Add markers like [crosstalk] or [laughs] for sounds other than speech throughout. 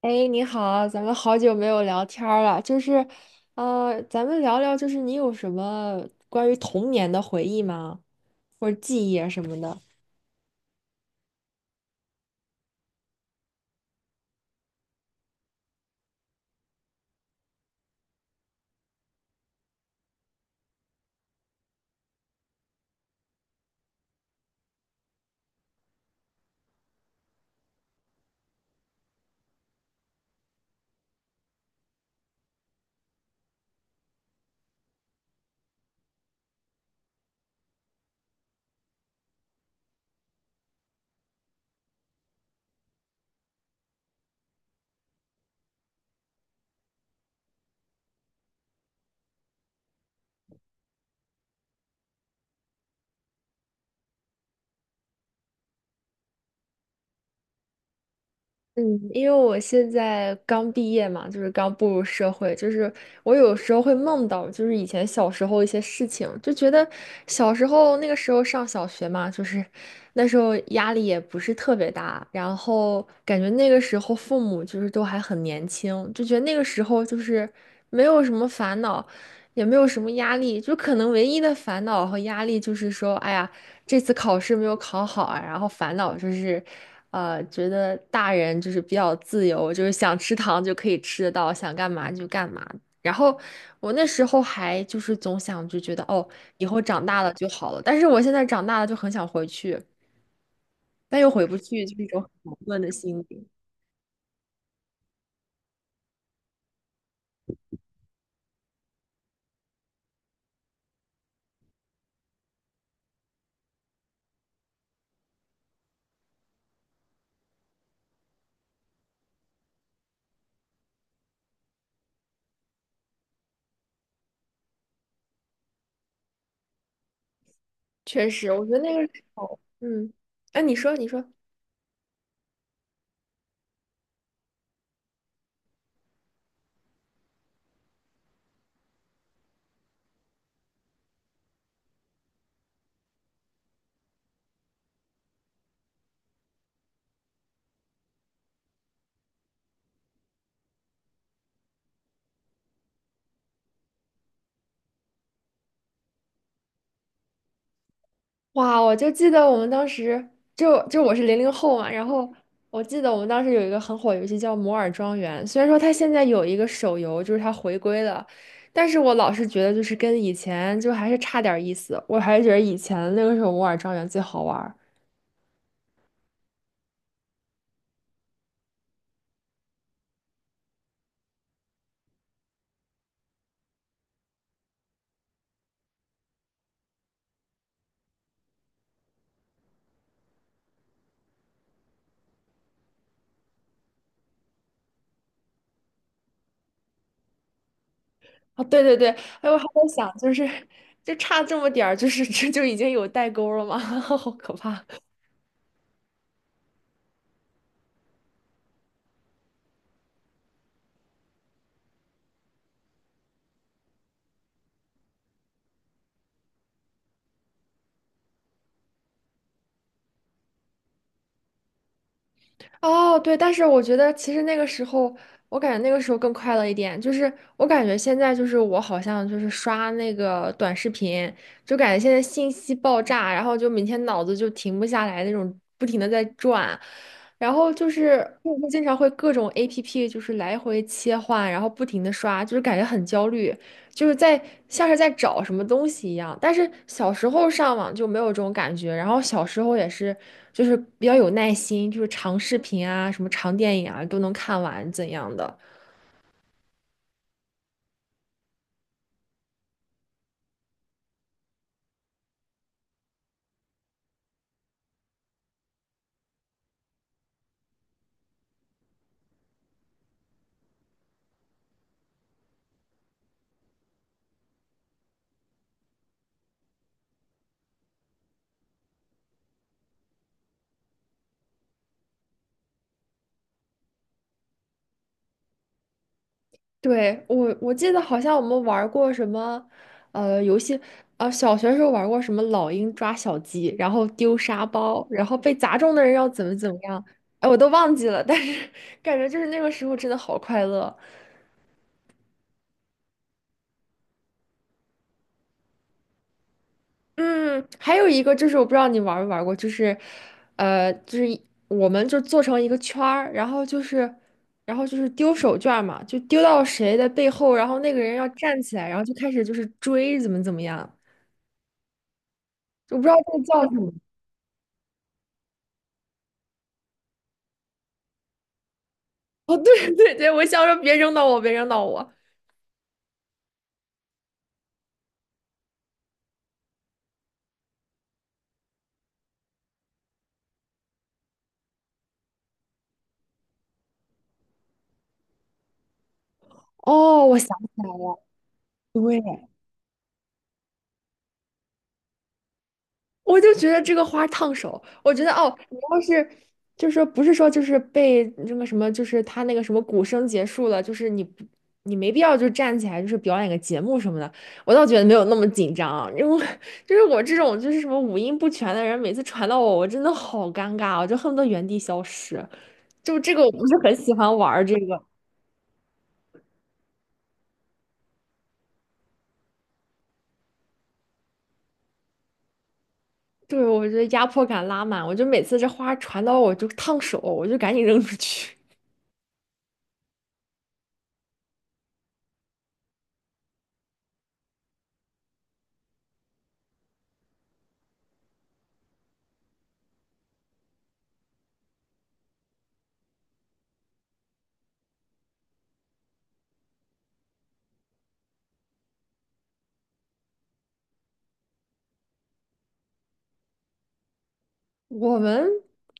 哎，你好，咱们好久没有聊天儿了，就是，咱们聊聊，就是你有什么关于童年的回忆吗？或者记忆啊什么的？嗯，因为我现在刚毕业嘛，就是刚步入社会，就是我有时候会梦到，就是以前小时候一些事情，就觉得小时候那个时候上小学嘛，就是那时候压力也不是特别大，然后感觉那个时候父母就是都还很年轻，就觉得那个时候就是没有什么烦恼，也没有什么压力，就可能唯一的烦恼和压力就是说，哎呀，这次考试没有考好啊。然后烦恼就是，觉得大人就是比较自由，就是想吃糖就可以吃得到，想干嘛就干嘛。然后我那时候还就是总想就觉得哦，以后长大了就好了。但是我现在长大了就很想回去，但又回不去，就是一种很矛盾的心理。确实，我觉得那个时候，嗯，哎、你说，你说。哇，我就记得我们当时就我是零零后嘛，然后我记得我们当时有一个很火的游戏叫《摩尔庄园》，虽然说它现在有一个手游，就是它回归了，但是我老是觉得就是跟以前就还是差点意思，我还是觉得以前那个时候《摩尔庄园》最好玩啊。哦，对对对，哎，我还在想，就是 [laughs] 就差这么点儿，就是 [laughs] 这就已经有代沟了吗？[laughs] 好可怕！哦，对，但是我觉得其实那个时候，我感觉那个时候更快乐一点。就是我感觉现在就是我好像就是刷那个短视频，就感觉现在信息爆炸，然后就每天脑子就停不下来那种，不停的在转。然后就是我会经常会各种 APP 就是来回切换，然后不停的刷，就是感觉很焦虑。就是在像是在找什么东西一样。但是小时候上网就没有这种感觉，然后小时候也是，就是比较有耐心，就是长视频啊、什么长电影啊都能看完怎样的。对，我记得好像我们玩过什么，游戏，小学时候玩过什么老鹰抓小鸡，然后丢沙包，然后被砸中的人要怎么怎么样，哎，我都忘记了，但是 [laughs] 感觉就是那个时候真的好快乐。嗯，还有一个就是我不知道你玩没玩过，就是，就是我们就做成一个圈儿，然后就是，然后就是丢手绢儿嘛，就丢到谁的背后，然后那个人要站起来，然后就开始就是追怎么怎么样，我不知道这个叫什么。[laughs] 哦，对对对，我想说别扔到我，别扔到我。哦，我想。我就觉得这个花烫手，我觉得哦，你要是就是说不是说就是被那个什么，就是他那个什么鼓声结束了，就是你没必要就站起来就是表演个节目什么的，我倒觉得没有那么紧张，因为就是我这种就是什么五音不全的人，每次传到我，我真的好尴尬哦，我就恨不得原地消失。就这个我不是很喜欢玩儿这个，对，我觉得压迫感拉满，我就每次这花传到我就烫手，我就赶紧扔出去。我们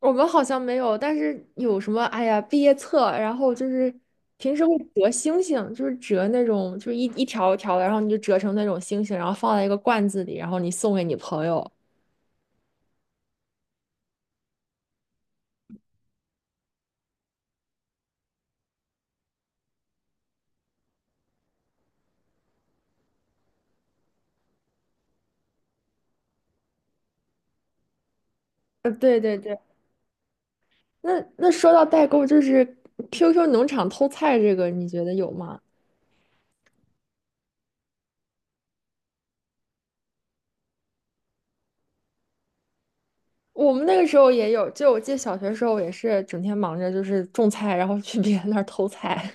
我们好像没有，但是有什么？哎呀，毕业册，然后就是平时会折星星，就是折那种，就是一条一条的，然后你就折成那种星星，然后放在一个罐子里，然后你送给你朋友。对对对，那说到代购，就是 QQ 农场偷菜这个，你觉得有吗？我们那个时候也有，就我记得小学时候也是整天忙着就是种菜，然后去别人那儿偷菜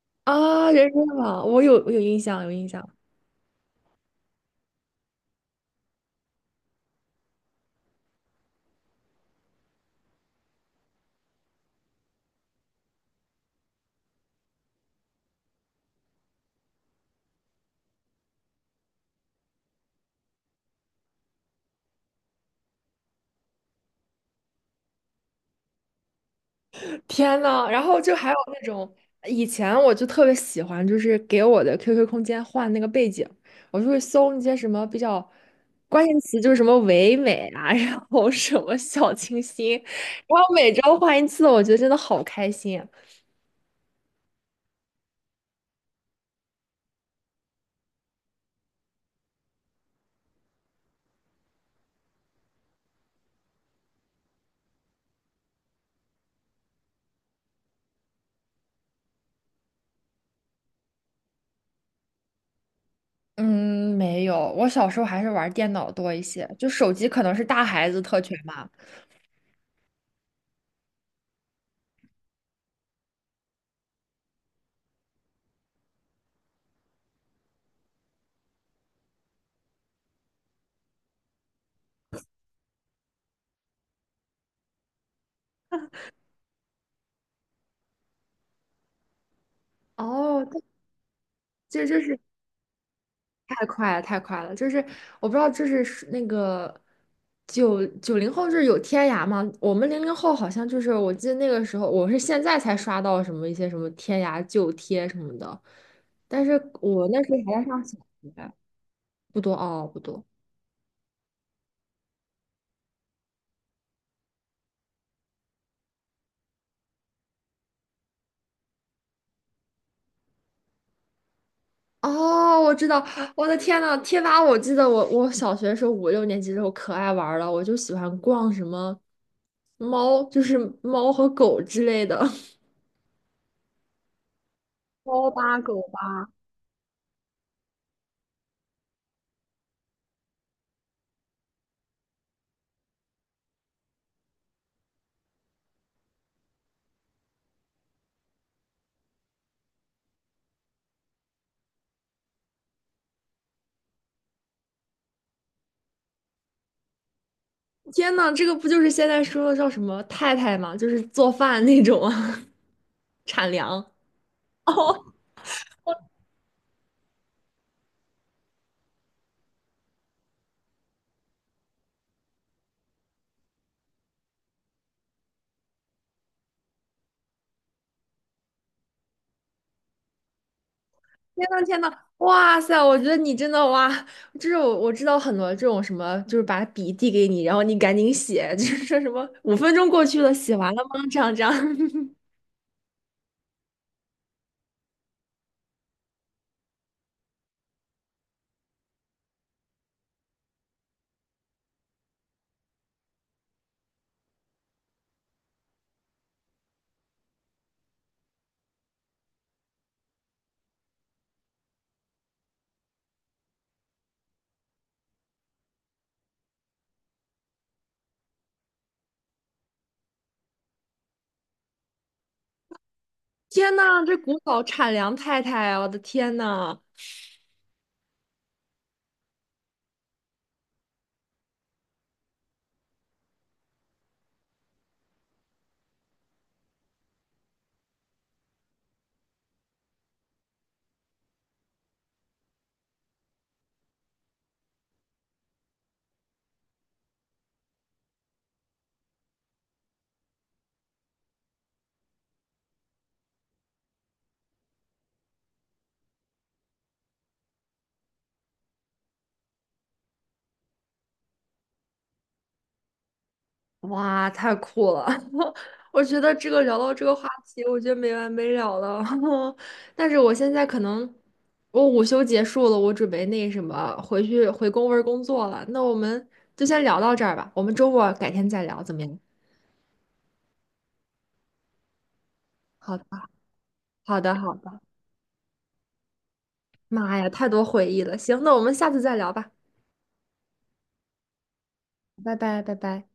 [laughs] 啊，人参网，我有印象，有印象。天呐，然后就还有那种以前我就特别喜欢，就是给我的 QQ 空间换那个背景，我就会搜那些什么比较关键词，就是什么唯美啊，[laughs] 然后什么小清新，然后每周换一次，我觉得真的好开心。嗯，没有，我小时候还是玩电脑多一些，就手机可能是大孩子特权嘛。哦，这就是太快了，太快了！就是我不知道，就是是那个九零后是有天涯吗？我们零零后好像就是，我记得那个时候，我是现在才刷到什么一些什么天涯旧贴什么的，但是我那时候还在上小学。不多哦，不多。哦，我知道，我的天呐，贴吧！我记得我小学的时候五六年级的时候可爱玩儿了，我就喜欢逛什么猫，就是猫和狗之类的。[laughs] 猫吧狗吧。天呐，这个不就是现在说的叫什么太太吗？就是做饭那种啊，[laughs] 产粮。哦，天呐天呐，哇塞！我觉得你真的哇，就是我知道很多这种什么，就是把笔递给你，然后你赶紧写，就是说什么5分钟过去了，写完了吗？这样这样。[laughs] 天呐，这古早产粮太太啊，我的天呐！哇，太酷了！[laughs] 我觉得这个聊到这个话题，我觉得没完没了了。[laughs] 但是我现在可能我午休结束了，我准备那什么回去回公文工作了。那我们就先聊到这儿吧，我们周末改天再聊，怎么样？好的，好的，好的。妈呀，太多回忆了。行，那我们下次再聊吧。拜拜，拜拜。